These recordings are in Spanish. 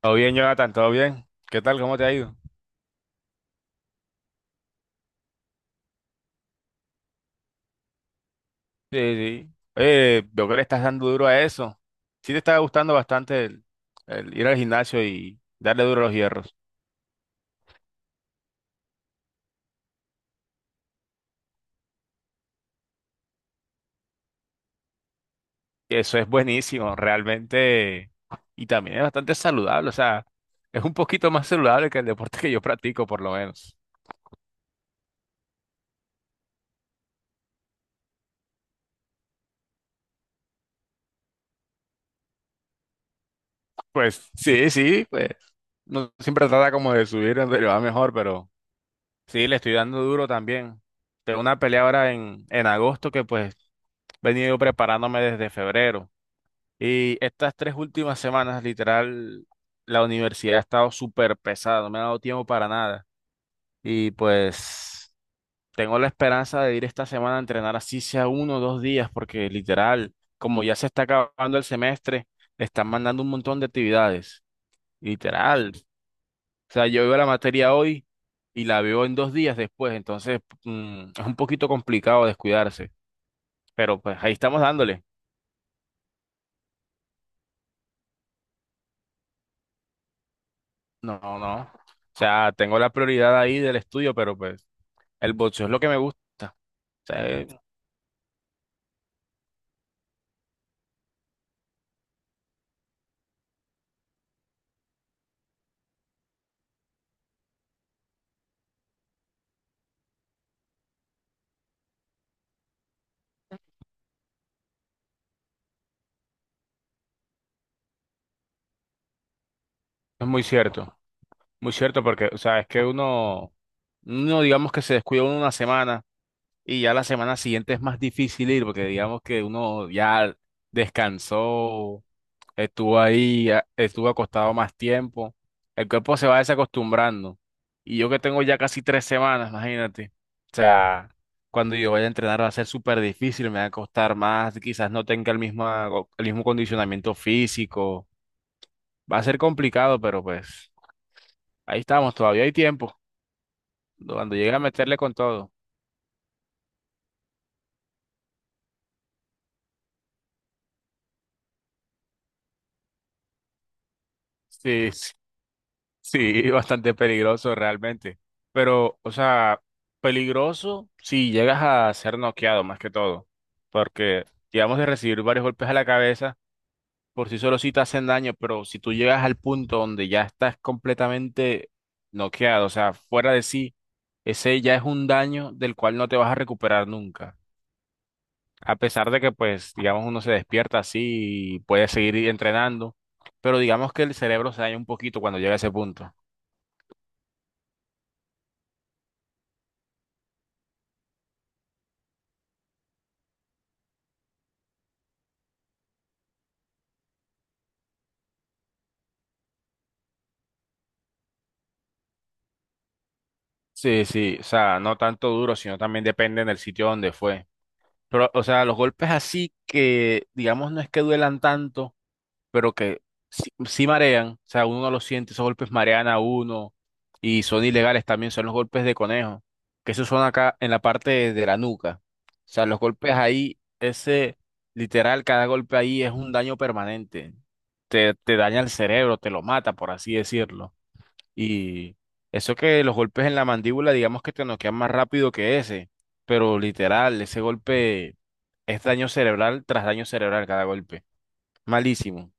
Todo bien, Jonathan, todo bien. ¿Qué tal? ¿Cómo te ha ido? Sí, sí. Oye, veo que le estás dando duro a eso. Sí te está gustando bastante el ir al gimnasio y darle duro a los hierros. Eso es buenísimo, realmente. Y también es bastante saludable, o sea, es un poquito más saludable que el deporte que yo practico, por lo menos. Pues sí, sí, pues no siempre trata como de subir, pero va mejor, pero sí, le estoy dando duro también. Tengo una pelea ahora en agosto que pues he venido preparándome desde febrero. Y estas 3 últimas semanas, literal, la universidad ha estado súper pesada, no me ha dado tiempo para nada. Y pues tengo la esperanza de ir esta semana a entrenar así sea uno o dos días, porque literal, como ya se está acabando el semestre, están mandando un montón de actividades, literal. O sea, yo veo la materia hoy y la veo en dos días después, entonces es un poquito complicado descuidarse, pero pues ahí estamos dándole. No, no. O sea, tengo la prioridad ahí del estudio, pero pues... El boxeo es lo que me gusta. O sea, es muy cierto porque, o sea, es que uno, digamos que se descuida uno una semana y ya la semana siguiente es más difícil ir porque digamos que uno ya descansó, estuvo ahí, estuvo acostado más tiempo. El cuerpo se va desacostumbrando. Y yo que tengo ya casi 3 semanas, imagínate. O sea, cuando yo vaya a entrenar va a ser súper difícil, me va a costar más, quizás no tenga el mismo condicionamiento físico. Va a ser complicado, pero pues ahí estamos, todavía hay tiempo. Cuando llegue a meterle con todo. Sí, sí, sí, bastante peligroso realmente. Pero, o sea, peligroso si llegas a ser noqueado más que todo. Porque, digamos, de recibir varios golpes a la cabeza, por sí solo sí te hacen daño, pero si tú llegas al punto donde ya estás completamente noqueado, o sea, fuera de sí, ese ya es un daño del cual no te vas a recuperar nunca. A pesar de que, pues, digamos, uno se despierta así y puede seguir entrenando, pero digamos que el cerebro se daña un poquito cuando llega a ese punto. Sí, sí, o sea, no tanto duro, sino también depende del sitio donde fue. Pero, o sea, los golpes así que, digamos, no es que duelan tanto, pero que sí, sí marean, o sea, uno no lo siente, esos golpes marean a uno y son ilegales también, son los golpes de conejo, que esos son acá en la parte de la nuca. O sea, los golpes ahí, ese literal, cada golpe ahí es un daño permanente. Te daña el cerebro, te lo mata, por así decirlo. Y eso que los golpes en la mandíbula, digamos que te noquean más rápido que ese, pero literal, ese golpe es daño cerebral tras daño cerebral cada golpe. Malísimo.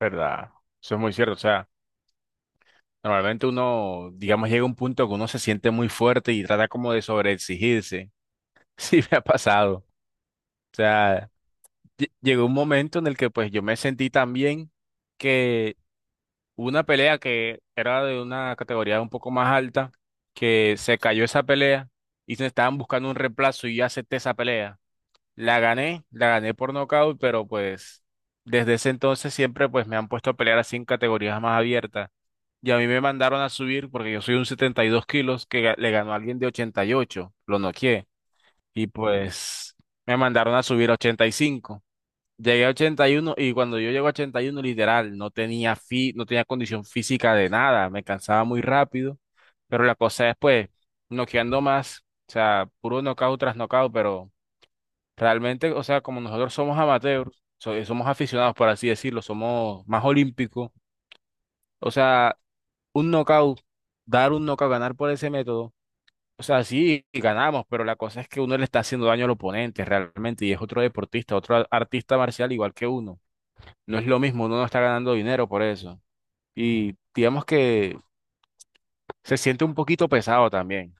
¿Verdad? Eso es muy cierto. O sea, normalmente uno, digamos, llega a un punto que uno se siente muy fuerte y trata como de sobreexigirse. Sí, me ha pasado. O sea, llegó un momento en el que pues yo me sentí tan bien que hubo una pelea que era de una categoría un poco más alta, que se cayó esa pelea y se estaban buscando un reemplazo y yo acepté esa pelea. La gané por nocaut, pero pues desde ese entonces siempre pues me han puesto a pelear así en categorías más abiertas. Y a mí me mandaron a subir porque yo soy un 72 kilos que le ganó a alguien de 88, lo noqueé. Y pues me mandaron a subir a 85. Llegué a 81 y cuando yo llego a 81 literal, no tenía no tenía condición física de nada, me cansaba muy rápido. Pero la cosa es pues noqueando más, o sea, puro knockout tras knockout, pero realmente, o sea, como nosotros somos amateurs, somos aficionados por así decirlo, somos más olímpicos. O sea, un knockout, dar un knockout, ganar por ese método. O sea, sí, ganamos, pero la cosa es que uno le está haciendo daño al oponente realmente y es otro deportista, otro artista marcial igual que uno. No es lo mismo, uno no está ganando dinero por eso. Y digamos que se siente un poquito pesado también.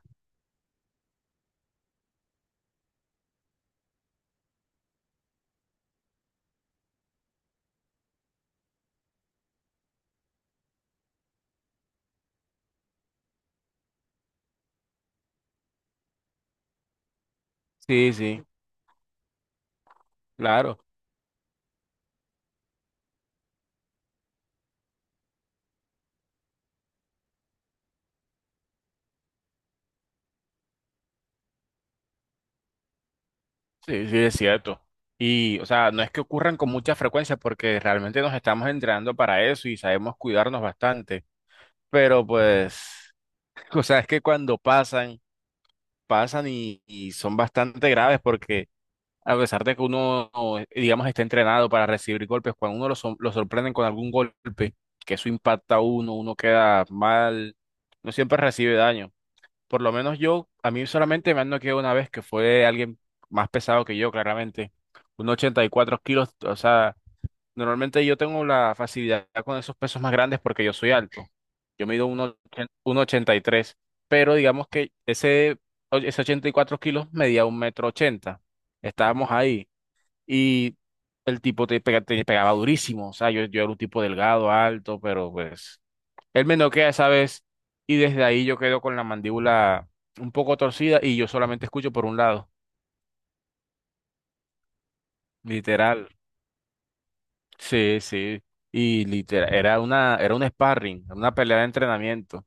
Sí, sí, claro, sí, sí, es cierto. Y, o sea, no es que ocurran con mucha frecuencia porque realmente nos estamos entrenando para eso y sabemos cuidarnos bastante. Pero pues, o sea, es que cuando pasan... pasan y son bastante graves porque a pesar de que uno, digamos, está entrenado para recibir golpes, cuando uno lo, lo sorprenden con algún golpe, que eso impacta a uno, uno queda mal, no siempre recibe daño. Por lo menos yo, a mí solamente me han noqueado una vez que fue alguien más pesado que yo, claramente, un 4 kilos, o sea. Normalmente yo tengo la facilidad con esos pesos más grandes porque yo soy alto. Yo mido 1,83, pero digamos que ese 84 kilos medía un metro ochenta. Estábamos ahí y el tipo te, te pegaba durísimo. O sea, yo era un tipo delgado, alto, pero pues él me noquea esa vez y desde ahí yo quedo con la mandíbula un poco torcida y yo solamente escucho por un lado, literal. Sí, sí. Y literal, era un sparring, una pelea de entrenamiento.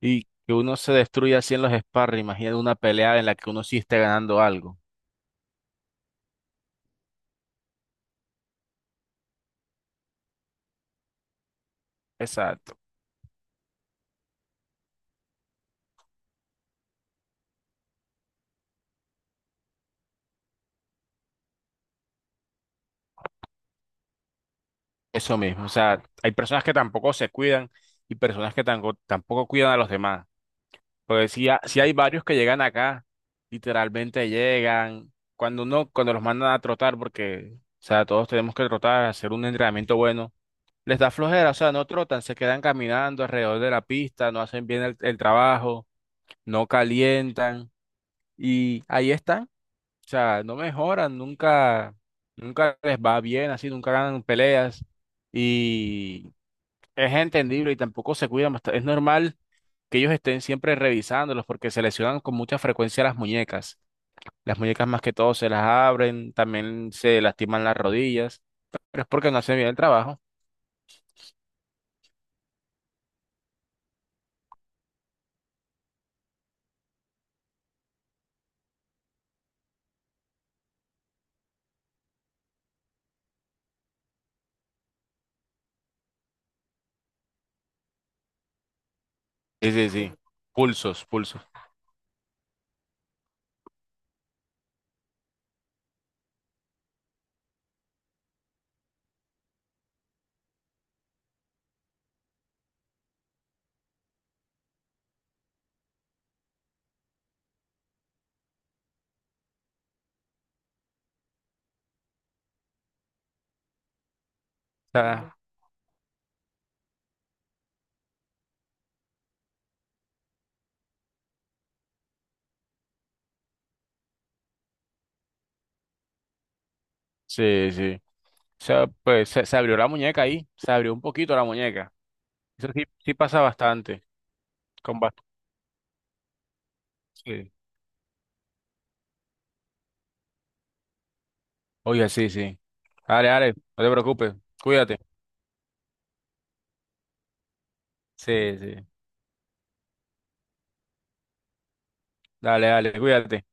Y que uno se destruye así en los sparring, imagínate una pelea en la que uno sí esté ganando algo. Exacto. Eso mismo. O sea, hay personas que tampoco se cuidan y personas que tampoco, tampoco cuidan a los demás. Porque si, si hay varios que llegan acá, literalmente llegan. Cuando uno, cuando los mandan a trotar, porque, o sea, todos tenemos que trotar, hacer un entrenamiento bueno. Les da flojera, o sea, no trotan, se quedan caminando alrededor de la pista, no hacen bien el trabajo, no calientan y ahí están, o sea, no mejoran, nunca, nunca les va bien así, nunca ganan peleas y es entendible y tampoco se cuidan Es normal que ellos estén siempre revisándolos porque se lesionan con mucha frecuencia las muñecas. Las muñecas más que todo se las abren, también se lastiman las rodillas, pero es porque no hacen bien el trabajo. Sí, sí, sí. Pulsos, pulsos. O sea, sí, sí. O sea, pues se abrió la muñeca ahí, se abrió un poquito la muñeca. Eso sí, sí pasa bastante. Con sí. Oye, sí, sí. Dale, dale, no te preocupes, cuídate. Sí, sí. Dale, dale, cuídate.